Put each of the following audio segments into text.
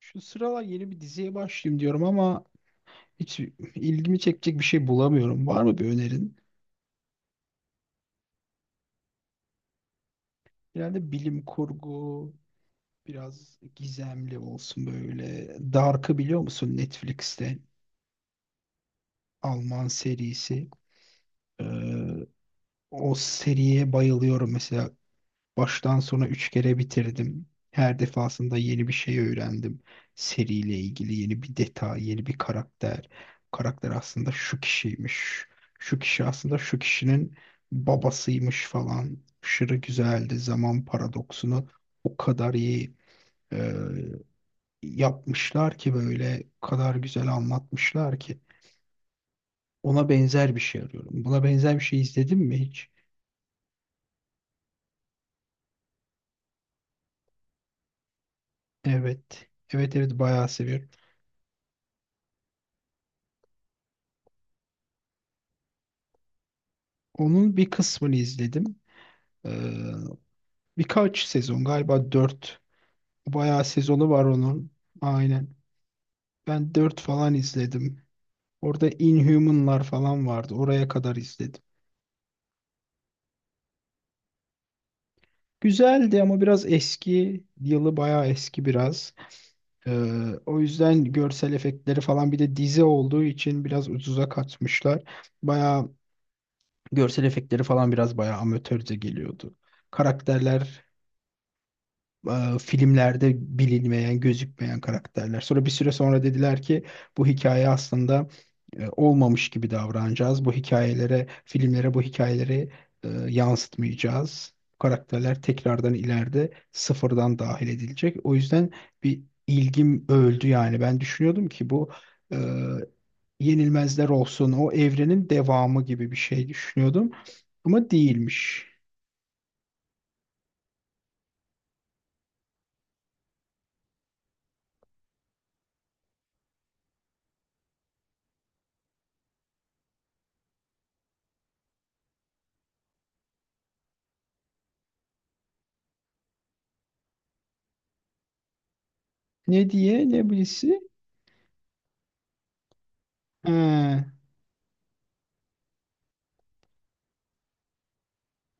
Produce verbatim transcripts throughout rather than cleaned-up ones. Şu sıralar yeni bir diziye başlayayım diyorum ama hiç ilgimi çekecek bir şey bulamıyorum. Var mı bir önerin? Genelde bilim kurgu biraz gizemli olsun böyle. Dark'ı biliyor musun? Netflix'te Alman serisi. Ee, O seriye bayılıyorum mesela. Baştan sona üç kere bitirdim. Her defasında yeni bir şey öğrendim. Seriyle ilgili yeni bir detay, yeni bir karakter. Karakter aslında şu kişiymiş. Şu kişi aslında şu kişinin babasıymış falan. Aşırı güzeldi. Zaman paradoksunu o kadar iyi e, yapmışlar ki, böyle o kadar güzel anlatmışlar ki. Ona benzer bir şey arıyorum. Buna benzer bir şey izledin mi hiç? Evet. Evet evet, bayağı seviyorum. Onun bir kısmını izledim. Ee, Birkaç sezon galiba, dört. Bayağı sezonu var onun. Aynen. Ben dört falan izledim. Orada Inhumanlar falan vardı. Oraya kadar izledim. Güzeldi ama biraz eski. Yılı bayağı eski biraz. Ee, o yüzden görsel efektleri falan, bir de dizi olduğu için biraz ucuza kaçmışlar. Bayağı görsel efektleri falan biraz bayağı amatörce geliyordu. Karakterler e, filmlerde bilinmeyen, gözükmeyen karakterler. Sonra bir süre sonra dediler ki bu hikaye aslında e, olmamış gibi davranacağız. Bu hikayelere, filmlere bu hikayeleri e, yansıtmayacağız. Bu karakterler tekrardan ileride sıfırdan dahil edilecek. O yüzden bir ilgim öldü yani. Ben düşünüyordum ki bu e, Yenilmezler olsun, o evrenin devamı gibi bir şey düşünüyordum. Ama değilmiş. Ne diye, ne bilisi? Ha.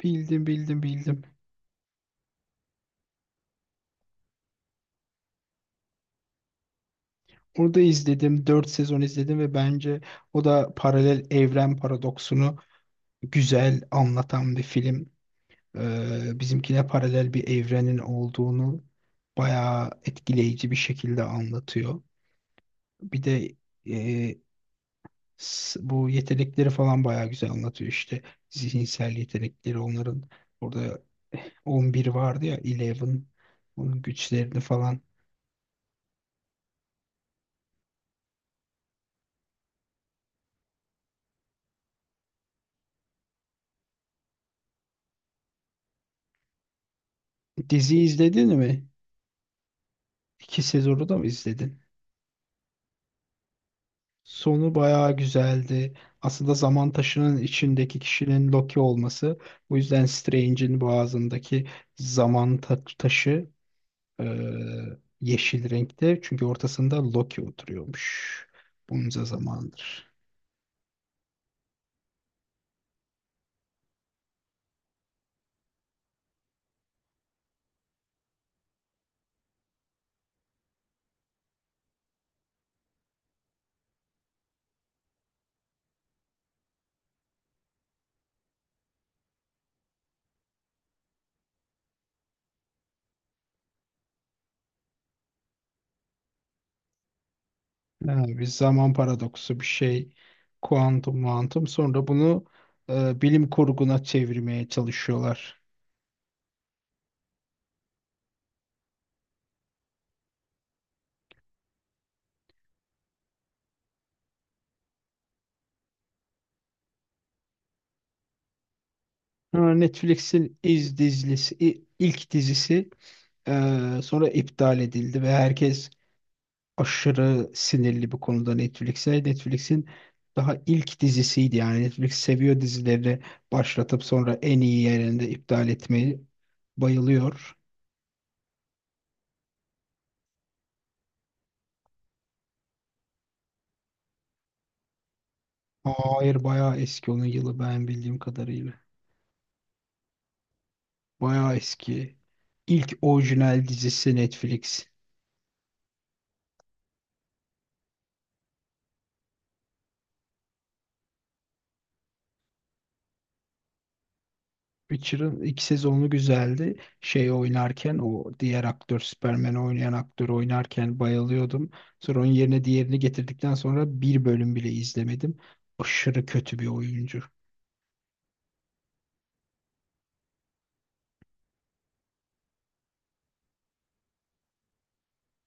Bildim bildim bildim. Orada izledim. Dört sezon izledim ve bence o da paralel evren paradoksunu güzel anlatan bir film. Ee, bizimkine paralel bir evrenin olduğunu bayağı etkileyici bir şekilde anlatıyor. Bir de e, s- bu yetenekleri falan bayağı güzel anlatıyor işte. Zihinsel yetenekleri onların, orada on bir vardı ya, on bir, onun güçlerini falan. Dizi izledin mi? İki sezonu da mı izledin? Sonu bayağı güzeldi. Aslında zaman taşının içindeki kişinin Loki olması. Bu yüzden Strange'in boğazındaki zaman ta- taşı e, yeşil renkte. Çünkü ortasında Loki oturuyormuş. Bunca zamandır. Yani bir zaman paradoksu bir şey. Kuantum muantum. Sonra bunu e, bilim kurguna çevirmeye çalışıyorlar. Ha, Netflix'in iz dizisi, ilk dizisi, ee, sonra iptal edildi ve herkes aşırı sinirli bir konuda Netflix'e. Netflix'in daha ilk dizisiydi yani. Netflix seviyor dizileri başlatıp sonra en iyi yerinde iptal etmeyi, bayılıyor. Hayır, bayağı eski onun yılı ben bildiğim kadarıyla. Bayağı eski. İlk orijinal dizisi Netflix. Witcher'ın ilk sezonu güzeldi. Şey oynarken, o diğer aktör, Superman'i oynayan aktör oynarken bayılıyordum. Sonra onun yerine diğerini getirdikten sonra bir bölüm bile izlemedim. Aşırı kötü bir oyuncu.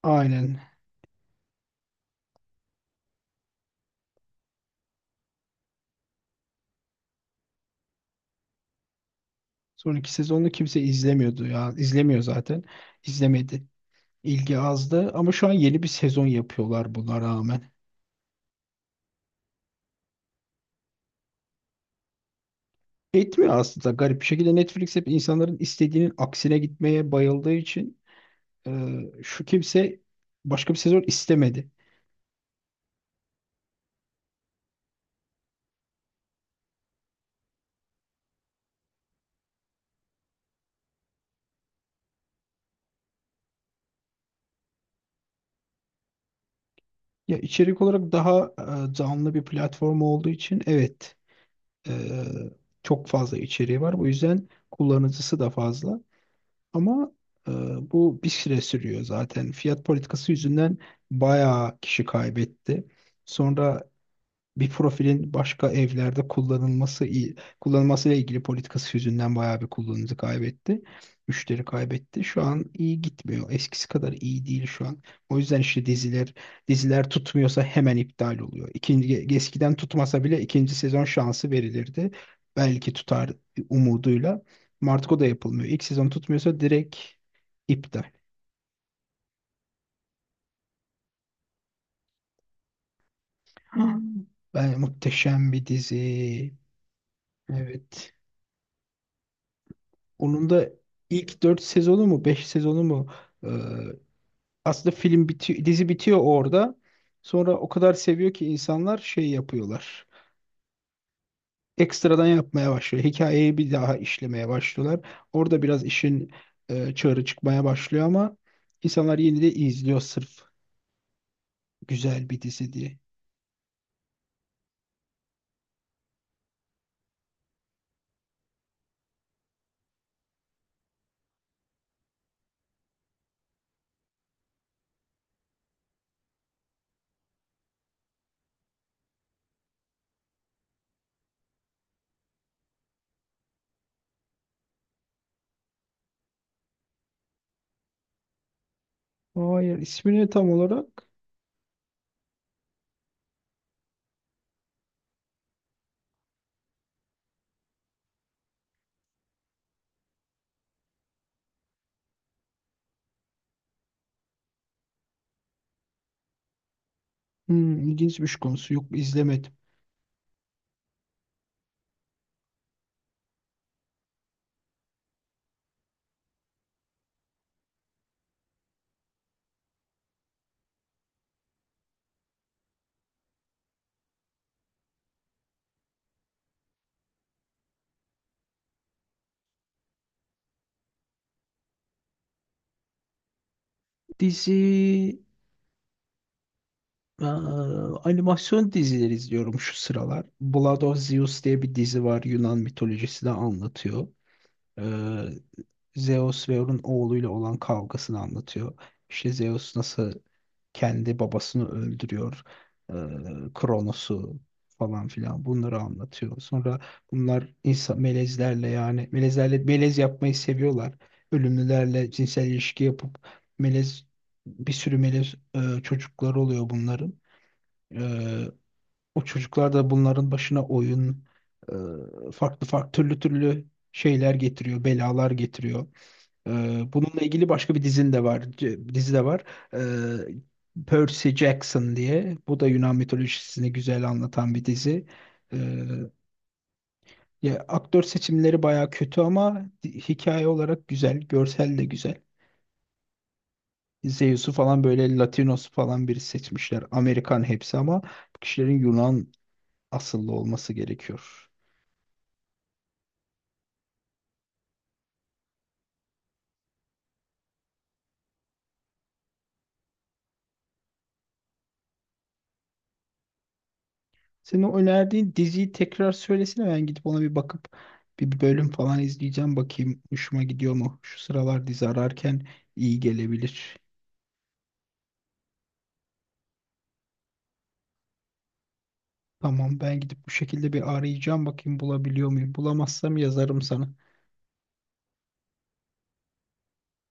Aynen. Sonraki sezonu kimse izlemiyordu ya. İzlemiyor zaten. İzlemedi. İlgi azdı ama şu an yeni bir sezon yapıyorlar buna rağmen. Etmiyor aslında, garip bir şekilde Netflix hep insanların istediğinin aksine gitmeye bayıldığı için e, şu, kimse başka bir sezon istemedi. Ya içerik olarak daha e, canlı bir platform olduğu için evet, e, çok fazla içeriği var. Bu yüzden kullanıcısı da fazla. Ama e, bu bir süre sürüyor zaten. Fiyat politikası yüzünden bayağı kişi kaybetti. Sonra bir profilin başka evlerde kullanılması, i- kullanılmasıyla ilgili politikası yüzünden bayağı bir kullanıcı kaybetti. Müşteri kaybetti. Şu an iyi gitmiyor. Eskisi kadar iyi değil şu an. O yüzden işte diziler diziler tutmuyorsa hemen iptal oluyor. İkinci, eskiden tutmasa bile ikinci sezon şansı verilirdi. Belki tutar umuduyla. Martko da yapılmıyor. İlk sezon tutmuyorsa direkt iptal. Ben, muhteşem bir dizi. Evet. Onun da ilk dört sezonu mu, beş sezonu mu, e, aslında film bitiyor, dizi bitiyor orada. Sonra o kadar seviyor ki insanlar, şey yapıyorlar. Ekstradan yapmaya başlıyor. Hikayeyi bir daha işlemeye başlıyorlar. Orada biraz işin e, çığırı çıkmaya başlıyor ama insanlar yine de izliyor, sırf güzel bir dizi diye. Hayır, ismini tam olarak, hmm, ilginç bir konusu, yok, izlemedim. Dizi. Ee, Animasyon dizileri izliyorum şu sıralar. Blood of Zeus diye bir dizi var. Yunan mitolojisini anlatıyor. Ee, Zeus ve onun oğluyla olan kavgasını anlatıyor. İşte Zeus nasıl kendi babasını öldürüyor. Ee, Kronos'u falan filan, bunları anlatıyor. Sonra bunlar insan melezlerle, yani melezlerle melez yapmayı seviyorlar. Ölümlülerle cinsel ilişki yapıp melez, bir sürü melez e, çocukları oluyor bunların. Ee, O çocuklar da bunların başına oyun, e, farklı farklı türlü türlü şeyler getiriyor, belalar getiriyor. E, Bununla ilgili başka bir dizin de var, c- dizi de var. E, Percy Jackson diye. Bu da Yunan mitolojisini güzel anlatan bir dizi. E, Ya aktör seçimleri baya kötü ama di- hikaye olarak güzel, görsel de güzel. Zeus'u falan böyle Latinos falan biri seçmişler. Amerikan hepsi ama bu kişilerin Yunan asıllı olması gerekiyor. Senin o önerdiğin diziyi tekrar söylesene, ben gidip ona bir bakıp bir bir bölüm falan izleyeceğim, bakayım hoşuma gidiyor mu? Şu sıralar dizi ararken iyi gelebilir. Tamam, ben gidip bu şekilde bir arayacağım, bakayım bulabiliyor muyum? Bulamazsam yazarım sana.